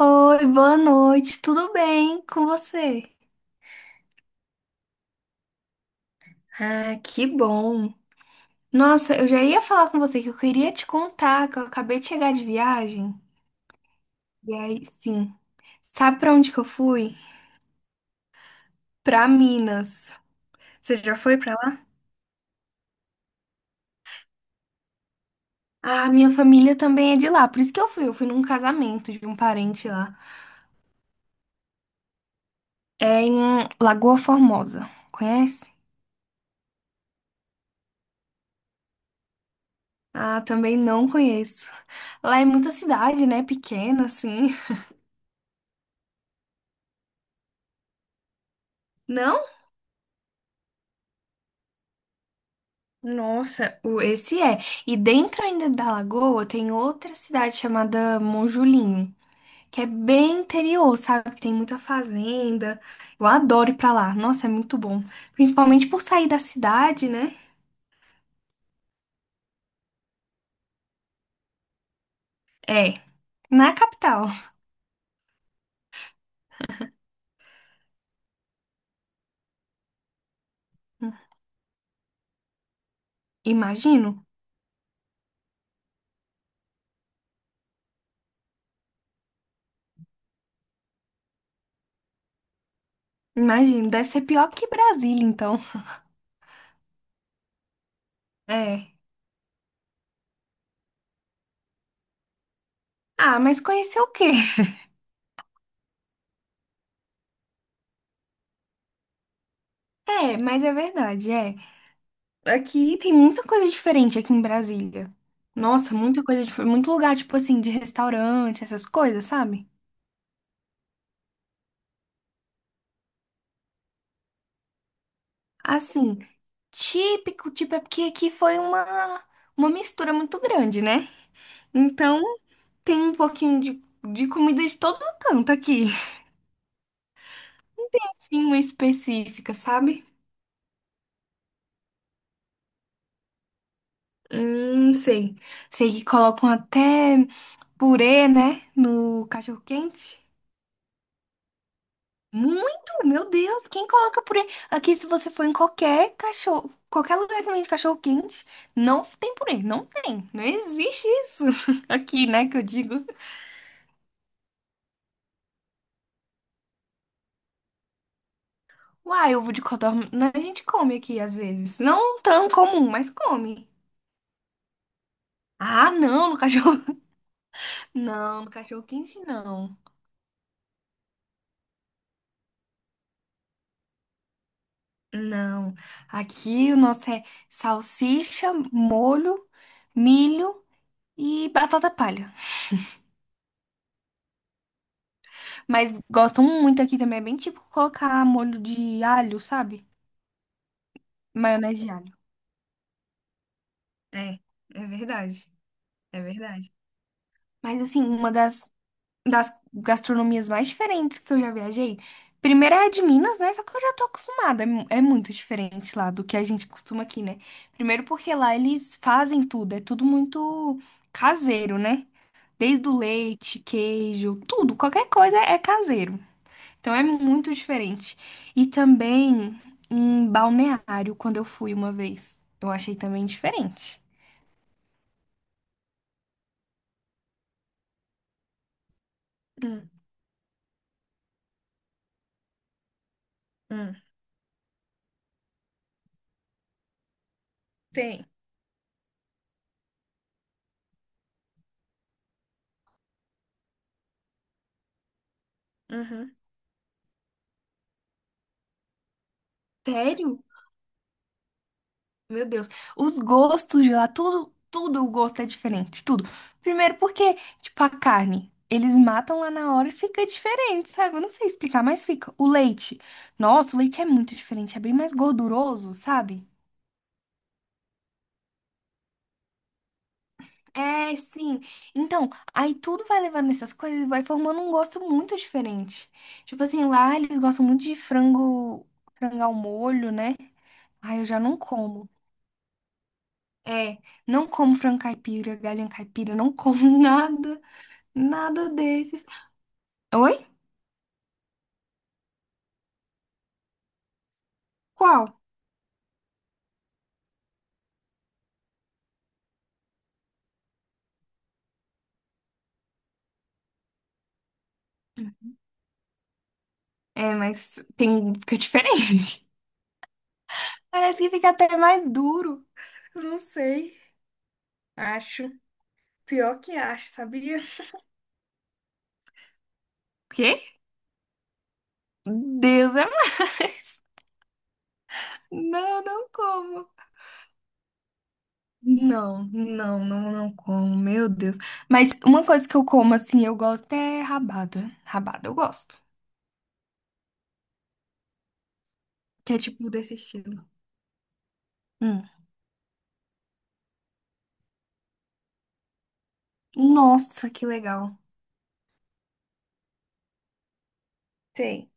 Oi, boa noite, tudo bem com você? Ah, que bom. Nossa, eu já ia falar com você que eu queria te contar que eu acabei de chegar de viagem. E aí, sim. Sabe pra onde que eu fui? Pra Minas. Você já foi pra lá? Ah, minha família também é de lá, por isso que eu fui. Eu fui num casamento de um parente lá. É em Lagoa Formosa. Conhece? Ah, também não conheço. Lá é muita cidade, né? Pequena, assim. Não? Nossa, esse é. E dentro ainda da Lagoa tem outra cidade chamada Monjulinho, que é bem interior, sabe? Que tem muita fazenda. Eu adoro ir pra lá. Nossa, é muito bom. Principalmente por sair da cidade, né? É, na capital. Imagino, imagino. Deve ser pior que Brasília, então. É. Ah, mas conhecer o quê? É, mas é verdade, é. Aqui tem muita coisa diferente aqui em Brasília. Nossa, muita coisa diferente. Muito lugar, tipo assim, de restaurante, essas coisas, sabe? Assim, típico, tipo, é porque aqui foi uma mistura muito grande, né? Então, tem um pouquinho de comida de todo canto aqui. Sim, uma específica, sabe? Sei. Sei que colocam até purê, né? No cachorro-quente. Muito, meu Deus, quem coloca purê? Aqui, se você for em qualquer cachorro, qualquer lugar que vende cachorro quente, não tem purê, não tem, não existe isso aqui, né, que eu digo. Uai, ovo de codorna, né, a gente come aqui às vezes, não tão comum, mas come. Ah, não, no cachorro, não, no cachorro quente não, não. Aqui o nosso é salsicha, molho, milho e batata palha. Mas gostam muito aqui também. É bem tipo colocar molho de alho, sabe? Maionese de alho. É, é verdade. É verdade. Mas assim, uma das, das gastronomias mais diferentes que eu já viajei. Primeiro é a de Minas, né? Só que eu já tô acostumada. É, é muito diferente lá do que a gente costuma aqui, né? Primeiro porque lá eles fazem tudo, é tudo muito caseiro, né? Desde o leite, queijo, tudo, qualquer coisa é caseiro. Então é muito diferente. E também um balneário, quando eu fui uma vez. Eu achei também diferente. Hum, hum, Sim. Uhum. Sério? Meu Deus. Os gostos de lá, tudo, tudo o gosto é diferente, tudo. Primeiro porque, tipo, a carne, eles matam lá na hora e fica diferente, sabe? Eu não sei explicar, mas fica. O leite. Nossa, o leite é muito diferente, é bem mais gorduroso, sabe? É, sim. Então, aí tudo vai levando essas coisas e vai formando um gosto muito diferente. Tipo assim, lá eles gostam muito de frango, frango ao molho, né? Ai, eu já não como. É, não como frango caipira, galinha caipira, não como nada, nada desses. Oi? Qual? É, mas tem, fica diferente. Parece que fica até mais duro. Não sei. Acho. Pior que acho, sabia? O quê? Deus é mais. Não, não como. Não, não, não, não como. Meu Deus. Mas uma coisa que eu como, assim, eu gosto é rabada. Rabada eu gosto. Que é tipo desse estilo. Hum. Nossa, que legal. Sei.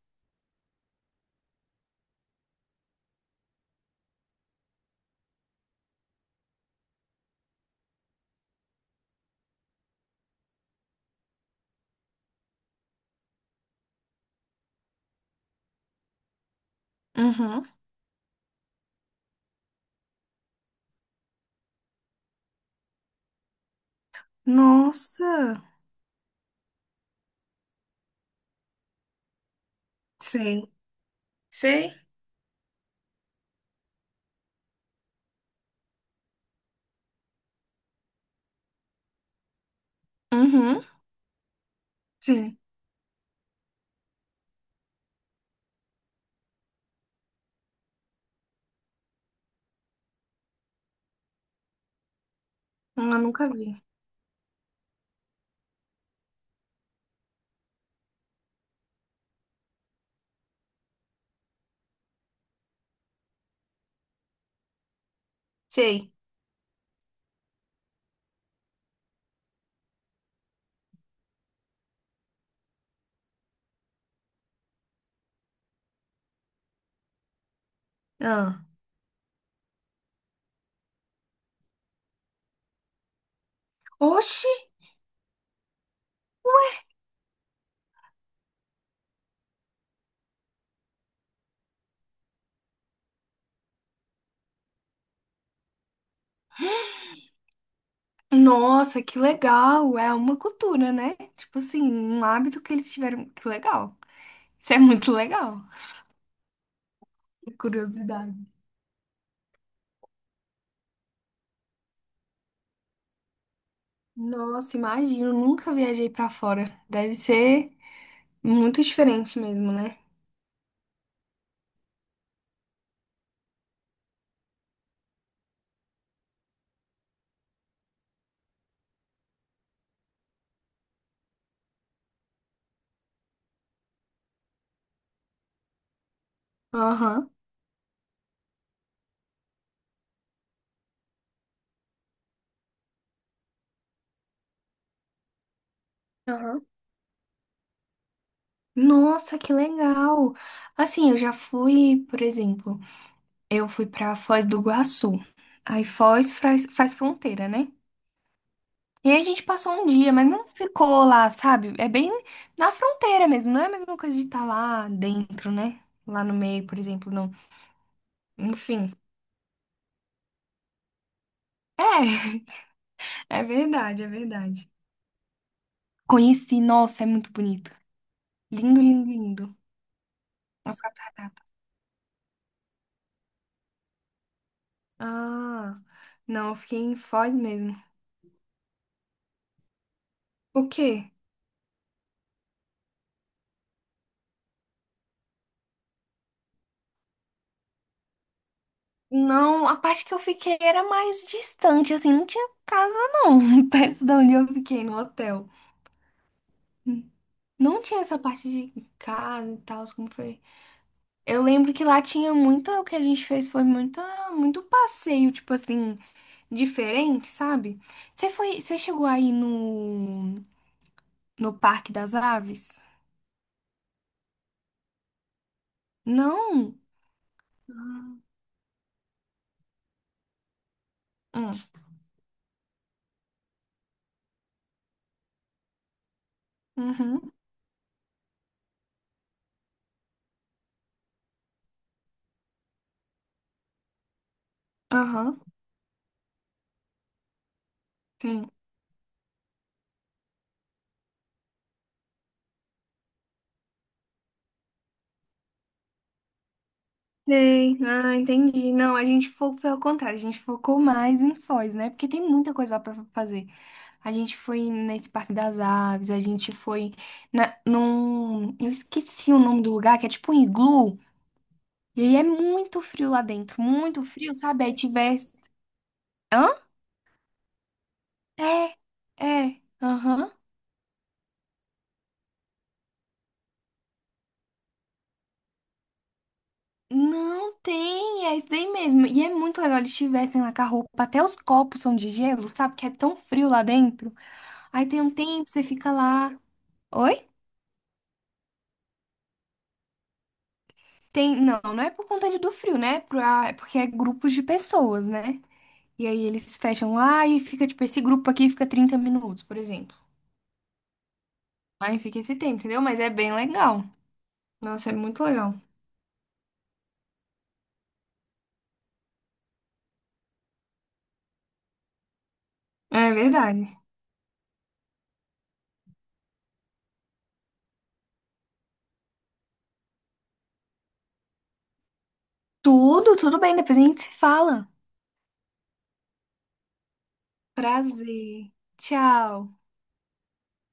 Uhum. Nossa. Sei. Sei. Uhum. Sim. Eu nunca vi. Sei. Ah. Oxi! Nossa, que legal! É uma cultura, né? Tipo assim, um hábito que eles tiveram. Que legal. Isso é muito legal. Curiosidade. Nossa, imagino, nunca viajei pra fora. Deve ser muito diferente mesmo, né? Aham, aham. Nossa, que legal! Assim, eu já fui, por exemplo, eu fui pra Foz do Iguaçu. Aí Foz faz, faz fronteira, né? E aí a gente passou um dia, mas não ficou lá, sabe? É bem na fronteira mesmo, não é a mesma coisa de estar lá dentro, né? Lá no meio, por exemplo, não. Enfim. É, é verdade, é verdade. Conheci, nossa, é muito bonito. Lindo, lindo, lindo. As cataratas. Ah, não, eu fiquei em Foz mesmo. O quê? Não, a parte que eu fiquei era mais distante, assim, não tinha casa não, perto de onde eu fiquei, no hotel. Não tinha essa parte de casa e tal, como foi. Eu lembro que lá tinha muito, o que a gente fez foi muita, muito passeio, tipo assim, diferente, sabe? Você foi, você chegou aí no, no Parque das Aves? Não? Hum. Uhum. Aham. Sim. Sei. Ah, entendi. Não, a gente foi ao contrário, a gente focou mais em Foz, né? Porque tem muita coisa lá pra fazer. A gente foi nesse Parque das Aves, a gente foi na, num. Eu esqueci o nome do lugar, que é tipo um iglu. E aí é muito frio lá dentro, muito frio, sabe? Aí tivesse. Hã? É, é. Aham. Não tem, é isso daí mesmo. E é muito legal eles tivessem lá com a roupa. Até os copos são de gelo, sabe? Que é tão frio lá dentro. Aí tem um tempo, você fica lá. Oi? Tem. Não, não é por conta do frio, né? É ah, é porque é grupos de pessoas, né? E aí eles fecham lá e fica, tipo, esse grupo aqui fica 30 minutos, por exemplo. Aí fica esse tempo, entendeu? Mas é bem legal. Nossa, é muito legal. É verdade. Tudo, tudo bem. Depois a gente se fala. Prazer. Tchau.